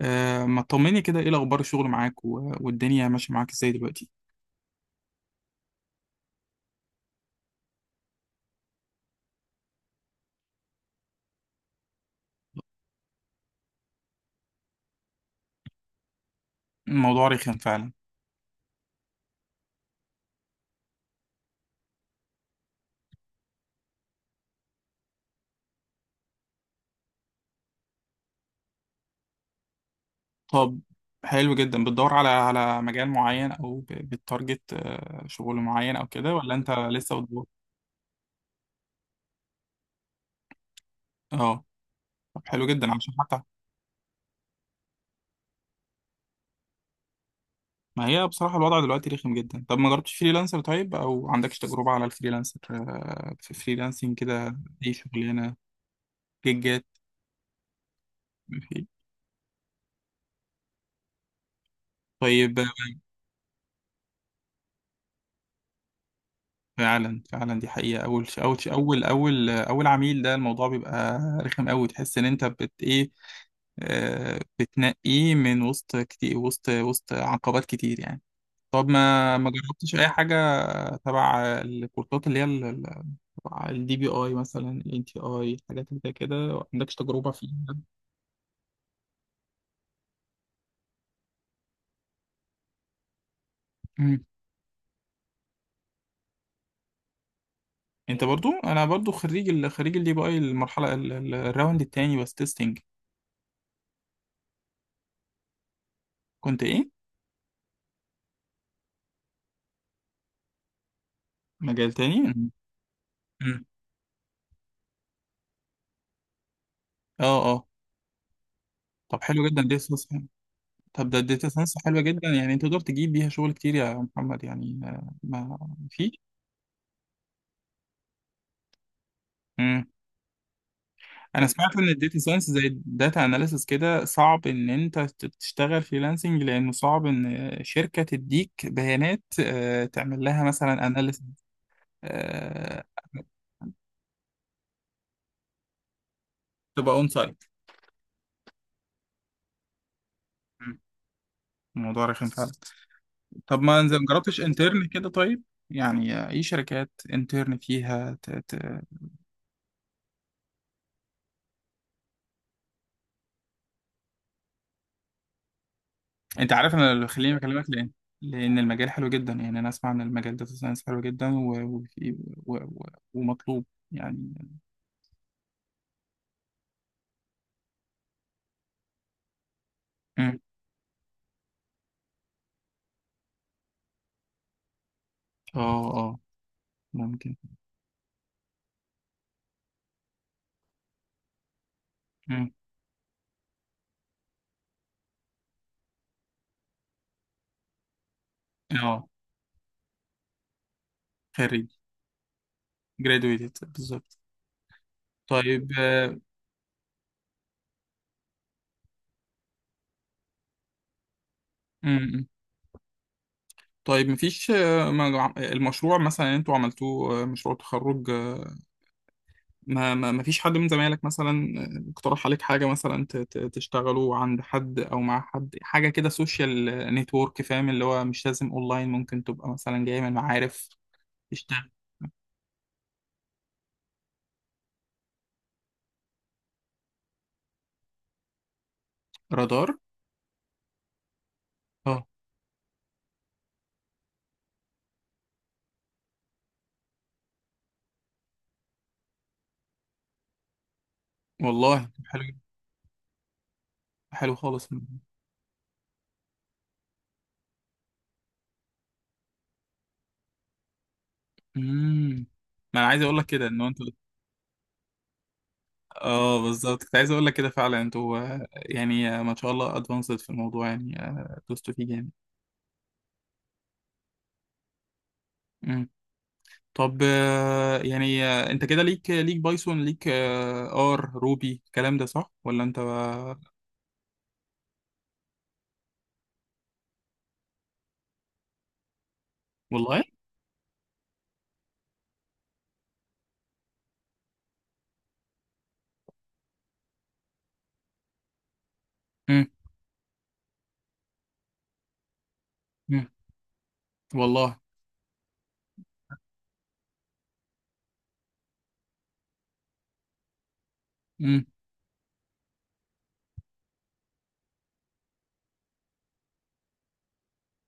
ما تطمني كده، ايه الاخبار؟ الشغل معاك والدنيا ماشيه معاك ازاي دلوقتي؟ الموضوع رخم فعلا. طب حلو جدا، بتدور على مجال معين او بتارجت شغل معين او كده، ولا انت لسه بتدور؟ اه. طب حلو جدا عشان حتى ما هي بصراحه الوضع دلوقتي رخم جدا. طب ما جربتش فريلانسر طيب، او عندكش تجربه على الفريلانسر، في فريلانسنج كده؟ اي شغلانه، جيجات. ما في. طيب. فعلا فعلا، دي حقيقة. أول ش- أول ش- أول أول أول عميل ده، الموضوع بيبقى رخم أوي، تحس إن أنت إيه. بتنقيه من وسط كتير، وسط عقبات كتير يعني. طب ما جربتش أي حاجة تبع الكورسات اللي هي، تبع الدي بي أي، مثلا ال NTI، الحاجات اللي زي كده، ما عندكش تجربة فيها؟ مم. أنت برضو، أنا برضو خريج الدي بي أي، المرحلة الراوند التاني، بس تيستنج. كنت إيه؟ مجال تاني. مم. مم. اه اه. طب حلو جدا، دي صح. طب ده الداتا ساينس حلوة جدا، يعني انت تقدر تجيب بيها شغل كتير يا محمد، يعني ما فيش. مم. انا سمعت ان الداتا ساينس زي الداتا اناليسس كده، صعب ان انت تشتغل فريلانسنج، لانه صعب ان شركة تديك بيانات تعمل لها مثلا اناليسس. تبقى اون سايت. الموضوع رخم فعلا. طب ما جربتش انترن كده طيب؟ يعني اي شركات انترن فيها؟ انت عارف انا اللي خليني بكلمك ليه؟ لان المجال حلو جدا، يعني انا اسمع ان المجال داتا ساينس حلو جدا و... وفي- و... و... ومطلوب يعني. مم. اه اه. ممكن. مم. اه. خريج. graduated بالظبط. طيب. مم. طيب مفيش، المشروع مثلا انتوا عملتوه، مشروع تخرج، ما فيش حد من زمايلك مثلا اقترح عليك حاجة، مثلا تشتغلوا عند حد أو مع حد، حاجة كده سوشيال نتورك؟ فاهم اللي هو مش لازم أونلاين، ممكن تبقى مثلا جاي من معارف. تشتغل. رادار. اه والله، طب حلو جدا. حلو خالص. امم ما أنا عايز أقول لك كده إن أنت. اه بالظبط، كنت عايز أقول لك كده فعلا. أنتوا يعني ما شاء الله أدفانسد في الموضوع، يعني دوستوا فيه جامد. طب يعني انت كده ليك بايثون، ليك ار، روبي، الكلام ده صح ولا انت بقى؟ والله. مم. مم. والله. مم.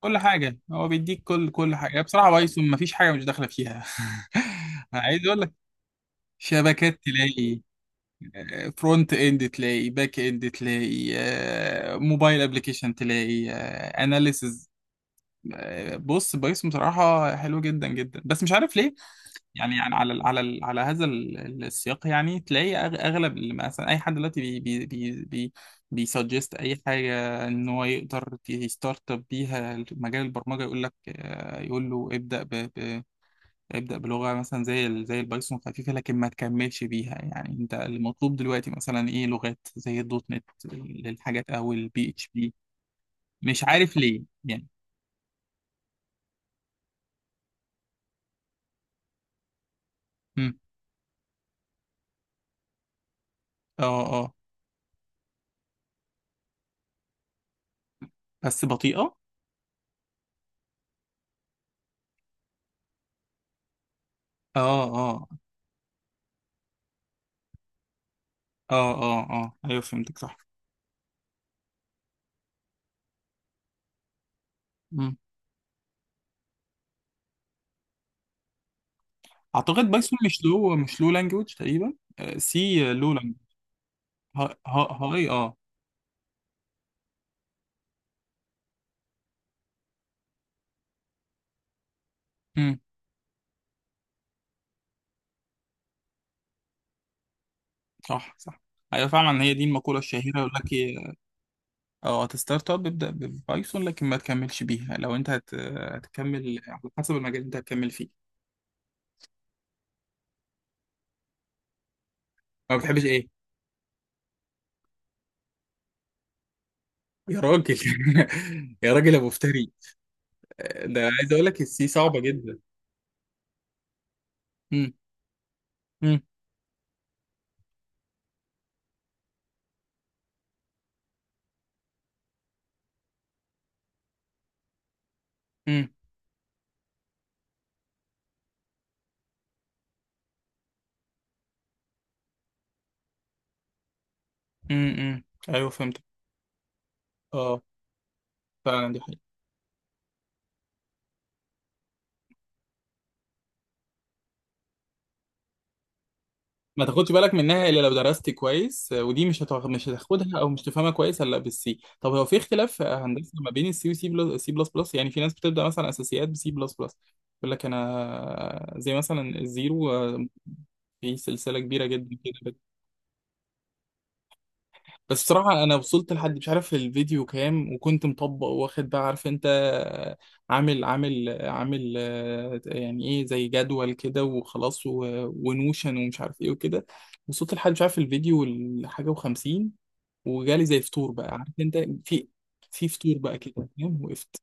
كل حاجه هو بيديك، كل حاجه يعني، بصراحه بايثون مفيش حاجه مش داخله فيها. أنا عايز اقول لك، شبكات تلاقي، فرونت اند تلاقي، باك اند تلاقي، موبايل ابلكيشن تلاقي، اناليسز. بص بايثون بصراحه حلو جدا جدا، بس مش عارف ليه يعني. يعني على هذا السياق، يعني تلاقي اغلب اللي، مثلا اي حد دلوقتي بي بيسجست اي حاجه، ان هو يقدر يستارت اب بيها مجال البرمجه، يقول لك، يقول له ابدا ب ب ابدا بلغه مثلا زي زي البايثون، خفيفه، لكن ما تكملش بيها. يعني انت المطلوب دلوقتي مثلا ايه؟ لغات زي الدوت نت للحاجات، او البي اتش بي. مش عارف ليه يعني. مم. اه اه. بس بطيئه. اه اه اه اه اه، ايوه فهمتك صح. اعتقد بايثون مش لو لانجوج تقريبا. سي لو لانجوج. هاي. اه. امم صح صح. ايوه فعلا، هي دي المقوله الشهيره، يقول لك إيه، اه، هتستارت اب ابدا ببايثون، لكن ما تكملش بيها، لو انت هتكمل على حسب المجال اللي انت هتكمل فيه. ما بتحبش ايه؟ يا راجل يا راجل يا مفتري. ده عايز اقول لك السي صعبه جدا. امم امم امم ايوه فهمت. اه فعلا دي. ما تاخدش بالك منها الا لو درست كويس، ودي مش هتاخدها او مش تفهمها كويس الا بالسي. طب هو في اختلاف هندسه ما بين السي وسي بلس بلس، يعني في ناس بتبدا مثلا اساسيات بسي بلس بلس. يقول لك انا زي مثلا الزيرو، في سلسله كبيره جدا كده. بس بصراحة أنا وصلت لحد مش عارف الفيديو كام، وكنت مطبق واخد بقى عارف أنت، عامل يعني إيه، زي جدول كده وخلاص، ونوشن، ومش عارف إيه وكده. وصلت لحد مش عارف الفيديو الحاجة وخمسين، وجالي زي فطور بقى عارف أنت. في في فطور بقى كده، فاهم، وقفت.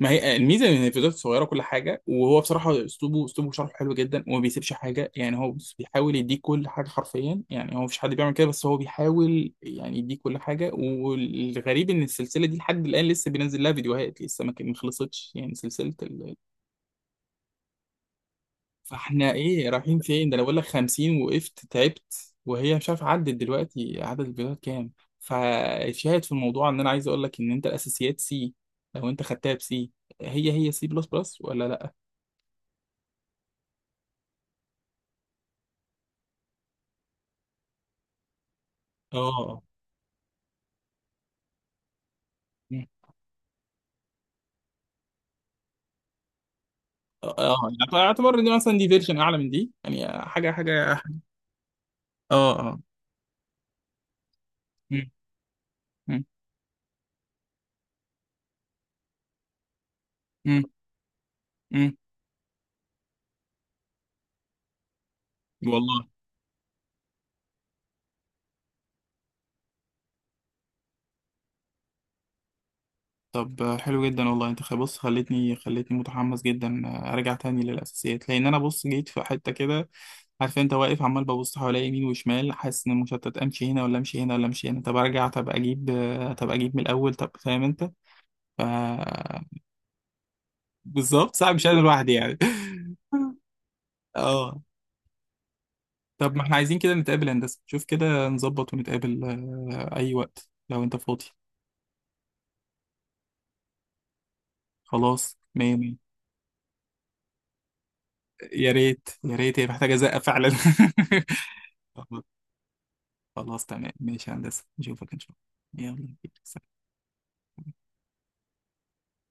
ما هي الميزه ان الفيديوهات صغيره كل حاجه، وهو بصراحه اسلوبه شرحه حلو جدا، وما بيسيبش حاجه يعني، هو بس بيحاول يديك كل حاجه حرفيا، يعني هو مفيش حد بيعمل كده، بس هو بيحاول يعني يديك كل حاجه. والغريب ان السلسله دي لحد الان لسه بينزل لها فيديوهات، لسه ما خلصتش يعني، سلسله. فاحنا ايه رايحين فين؟ ده انا بقول لك 50، وقفت تعبت، وهي مش عارف عدت دلوقتي عدد الفيديوهات كام. فشاهد في الموضوع، ان انا عايز اقول لك ان انت الاساسيات سي، لو انت خدتها بسي، هي هي سي بلس بلس ولا لا؟ اه. مم. اه. اعتبر ان مثلا دي فيرجن اعلى من دي، يعني حاجه حاجه. اه اه. مم. مم. مم. مم. والله. طب حلو جدا والله. انت بص، خلتني متحمس جدا ارجع تاني للاساسيات، لان انا، بص، جيت في حته كده، عارف انت، واقف عمال ببص حواليا يمين وشمال، حاسس ان مشتت، امشي هنا ولا امشي هنا ولا امشي هنا، طب ارجع، طب اجيب من الاول، طب فاهم انت؟ ف بالظبط، صعب، مش انا لوحدي يعني. اه. طب ما احنا عايزين كده نتقابل يا هندسة، شوف كده نظبط ونتقابل أي وقت لو أنت فاضي. خلاص، مية مية. يا ريت يا ريت، هي محتاجة زقة فعلا. خلاص تمام، ماشي يا هندسة، نشوفك إن شاء الله. يلا، سلام.